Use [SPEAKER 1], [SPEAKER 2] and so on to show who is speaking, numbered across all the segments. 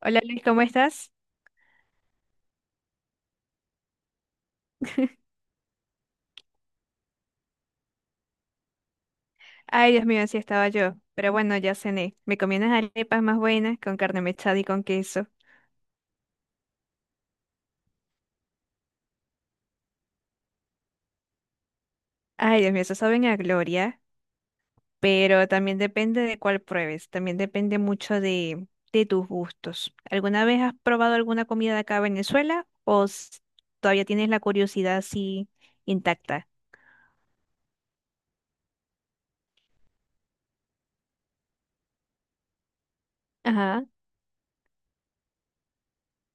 [SPEAKER 1] Hola Luis, ¿cómo estás? Ay, Dios mío, así estaba yo. Pero bueno, ya cené. Me comí unas arepas más buenas con carne mechada y con queso. Ay, Dios mío, eso saben a gloria. Pero también depende de cuál pruebes. También depende mucho de tus gustos. ¿Alguna vez has probado alguna comida de acá de Venezuela? ¿O todavía tienes la curiosidad así intacta? Ajá.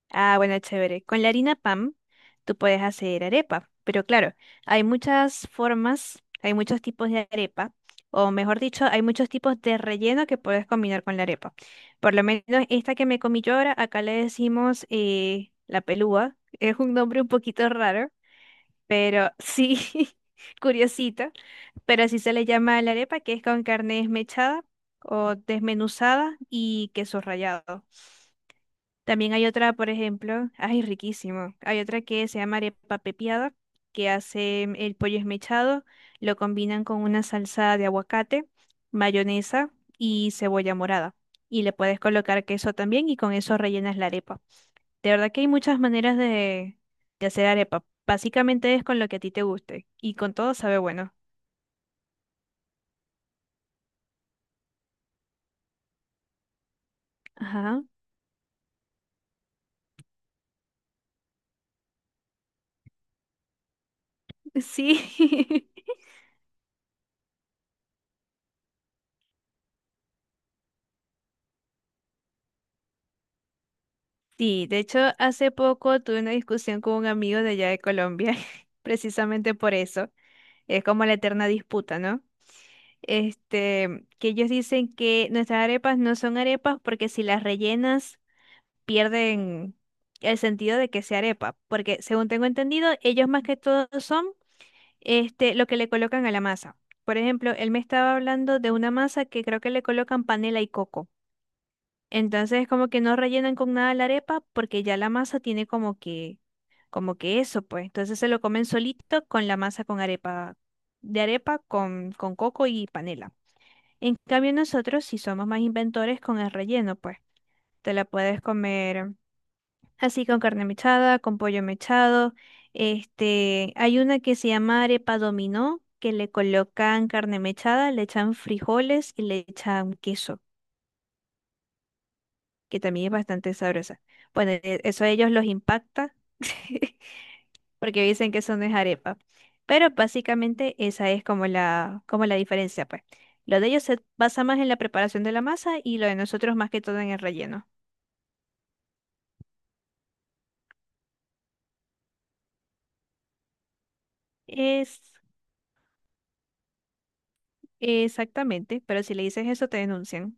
[SPEAKER 1] Ah, bueno, chévere. Con la harina pan, tú puedes hacer arepa. Pero claro, hay muchas formas, hay muchos tipos de arepa, o mejor dicho, hay muchos tipos de relleno que puedes combinar con la arepa. Por lo menos esta que me comí yo ahora, acá le decimos la pelúa. Es un nombre un poquito raro, pero sí, curiosito. Pero así se le llama a la arepa, que es con carne desmechada o desmenuzada y queso rallado. También hay otra, por ejemplo, ay, riquísimo. Hay otra que se llama arepa pepiada, que hace el pollo esmechado, lo combinan con una salsa de aguacate, mayonesa y cebolla morada. Y le puedes colocar queso también y con eso rellenas la arepa. De verdad que hay muchas maneras de hacer arepa. Básicamente es con lo que a ti te guste y con todo sabe bueno. Ajá, sí. Sí, de hecho, hace poco tuve una discusión con un amigo de allá de Colombia, precisamente por eso. Es como la eterna disputa, ¿no? Este, que ellos dicen que nuestras arepas no son arepas porque si las rellenas pierden el sentido de que sea arepa, porque según tengo entendido, ellos más que todo son este lo que le colocan a la masa. Por ejemplo, él me estaba hablando de una masa que creo que le colocan panela y coco. Entonces como que no rellenan con nada la arepa porque ya la masa tiene como que eso, pues. Entonces se lo comen solito con la masa con arepa, de arepa con coco y panela. En cambio nosotros si somos más inventores con el relleno, pues. Te la puedes comer así con carne mechada, con pollo mechado. Este, hay una que se llama arepa dominó, que le colocan carne mechada, le echan frijoles y le echan queso, que también es bastante sabrosa. Bueno, eso a ellos los impacta porque dicen que eso no es arepa. Pero básicamente esa es como la diferencia, pues. Lo de ellos se basa más en la preparación de la masa y lo de nosotros más que todo en el relleno. Es exactamente, pero si le dices eso te denuncian.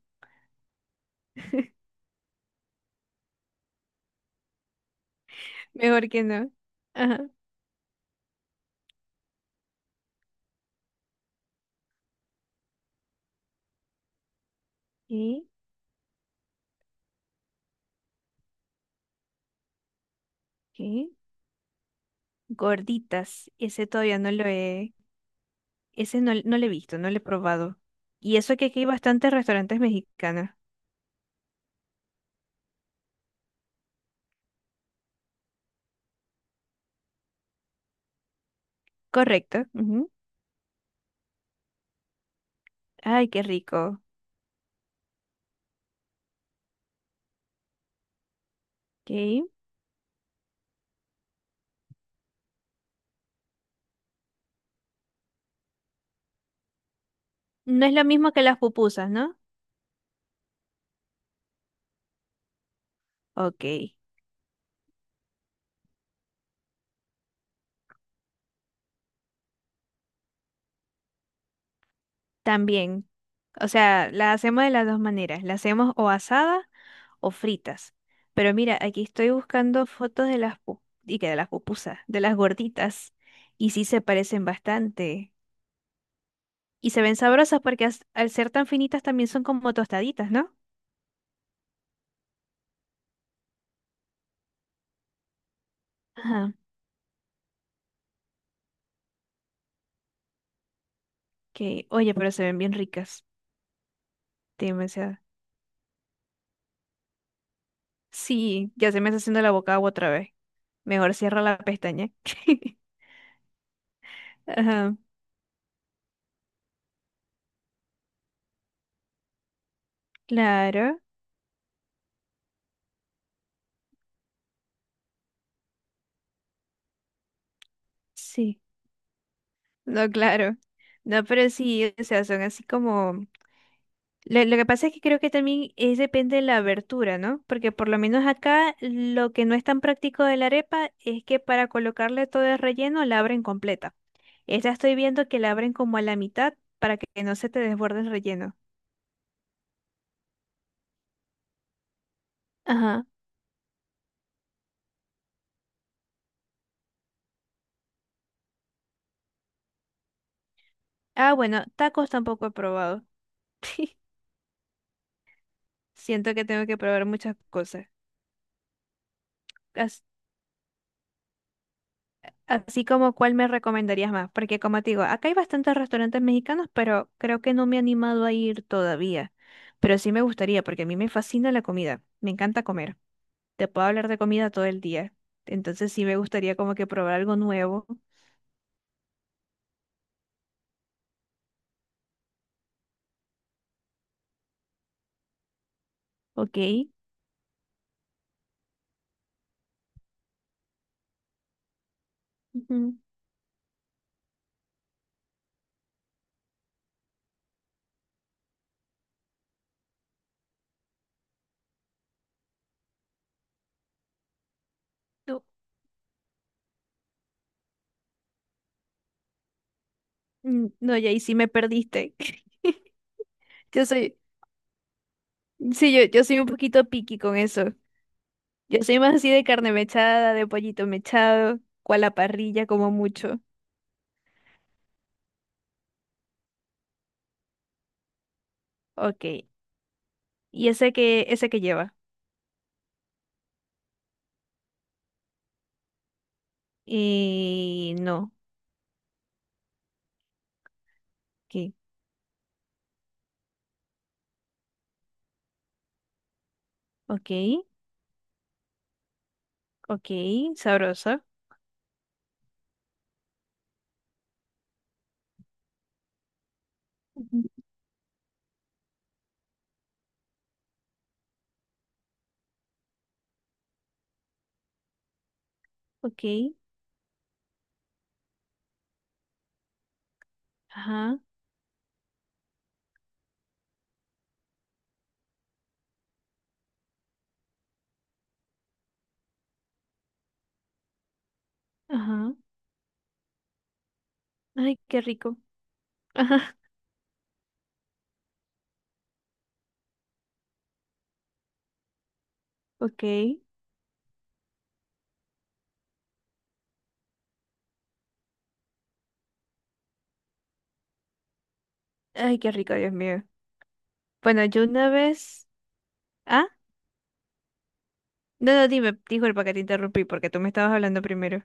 [SPEAKER 1] Mejor que no. Ajá. ¿Y qué? Gorditas. Ese todavía no lo he, ese no lo he visto, no lo he probado. Y eso que aquí hay bastantes restaurantes mexicanos. Correcto. Ujú. Ay, qué rico. Ok. No es lo mismo que las pupusas, ¿no? Ok. También. O sea, las hacemos de las dos maneras. Las hacemos o asadas o fritas. Pero mira, aquí estoy buscando fotos de las y que de las pupusas, de las gorditas. Y sí se parecen bastante. Y se ven sabrosas porque al ser tan finitas también son como tostaditas, ¿no? Ajá. Ok. Oye, pero se ven bien ricas. Demasiado. Sí, ya se me está haciendo la boca agua otra vez. Mejor cierra la pestaña. Ajá, claro, sí. No, claro. No, pero sí, o sea, son así como. Lo que pasa es que creo que también es depende de la abertura, ¿no? Porque por lo menos acá lo que no es tan práctico de la arepa es que para colocarle todo el relleno la abren completa. Esta estoy viendo que la abren como a la mitad para que no se te desborde el relleno. Ajá. Ah, bueno, tacos tampoco he probado. Siento que tengo que probar muchas cosas. Así como cuál me recomendarías más, porque como te digo, acá hay bastantes restaurantes mexicanos, pero creo que no me he animado a ir todavía. Pero sí me gustaría, porque a mí me fascina la comida, me encanta comer. Te puedo hablar de comida todo el día. Entonces sí me gustaría como que probar algo nuevo, ¿ok? Ujú. Tú- No, y ahí sí me perdiste. Yo soy, sí, yo soy un poquito picky con eso. Yo soy más así de carne mechada, de pollito mechado, cual a la parrilla como mucho. Ok. ¿Y ese que lleva? No, ok, ok, ok, sabrosa. Ujú. Ok, ajá, ajá. Ay, qué rico. Ajá, ok. Ay, qué rico, Dios mío. Bueno, yo una vez. Ah, no, no, dime, disculpa que te interrumpí porque tú me estabas hablando primero.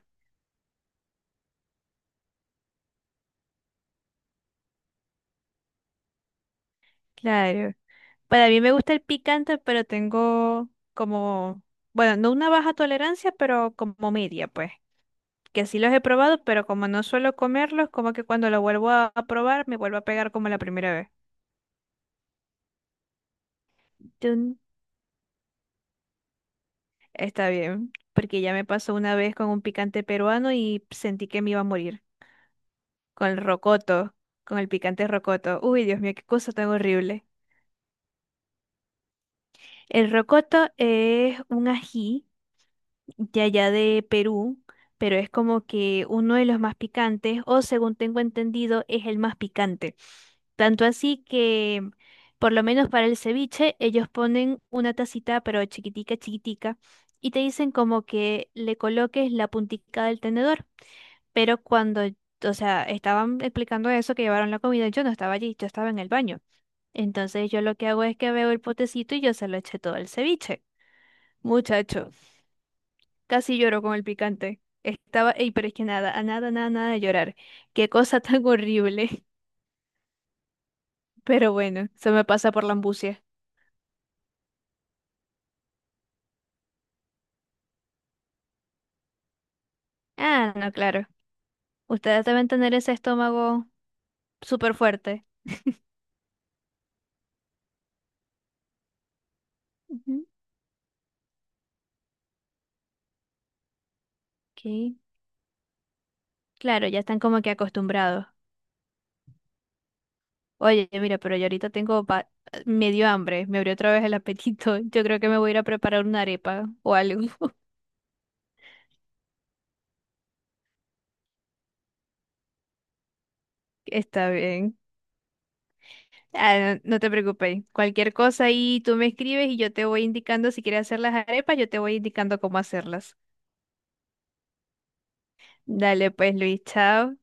[SPEAKER 1] Claro. Para mí me gusta el picante, pero tengo como. Bueno, no una baja tolerancia, pero como media, pues. Que sí los he probado, pero como no suelo comerlos, como que cuando lo vuelvo a probar, me vuelvo a pegar como la primera vez. Tun. Está bien, porque ya me pasó una vez con un picante peruano y sentí que me iba a morir. Con el rocoto, con el picante rocoto. Uy, Dios mío, qué cosa tan horrible. El rocoto es un ají, de allá de Perú, pero es como que uno de los más picantes, o según tengo entendido, es el más picante. Tanto así que, por lo menos para el ceviche, ellos ponen una tacita, pero chiquitica, chiquitica, y te dicen como que le coloques la puntica del tenedor. Pero cuando, o sea, estaban explicando eso, que llevaron la comida, yo no estaba allí, yo estaba en el baño. Entonces yo lo que hago es que veo el potecito y yo se lo eché todo el ceviche. Muchacho. Casi lloro con el picante. Estaba, ey, pero es que nada, a nada, nada, nada de llorar. Qué cosa tan horrible. Pero bueno, se me pasa por la ambucia. Ah, no, claro. Ustedes deben tener ese estómago súper fuerte. Ujú. Ok. Claro, ya están como que acostumbrados. Oye, mira, pero yo ahorita tengo medio hambre. Me abrió otra vez el apetito. Yo creo que me voy a ir a preparar una arepa o algo. Está bien. Ah, no te preocupes, cualquier cosa ahí tú me escribes y yo te voy indicando si quieres hacer las arepas, yo te voy indicando cómo hacerlas. Dale pues, Luis, chao.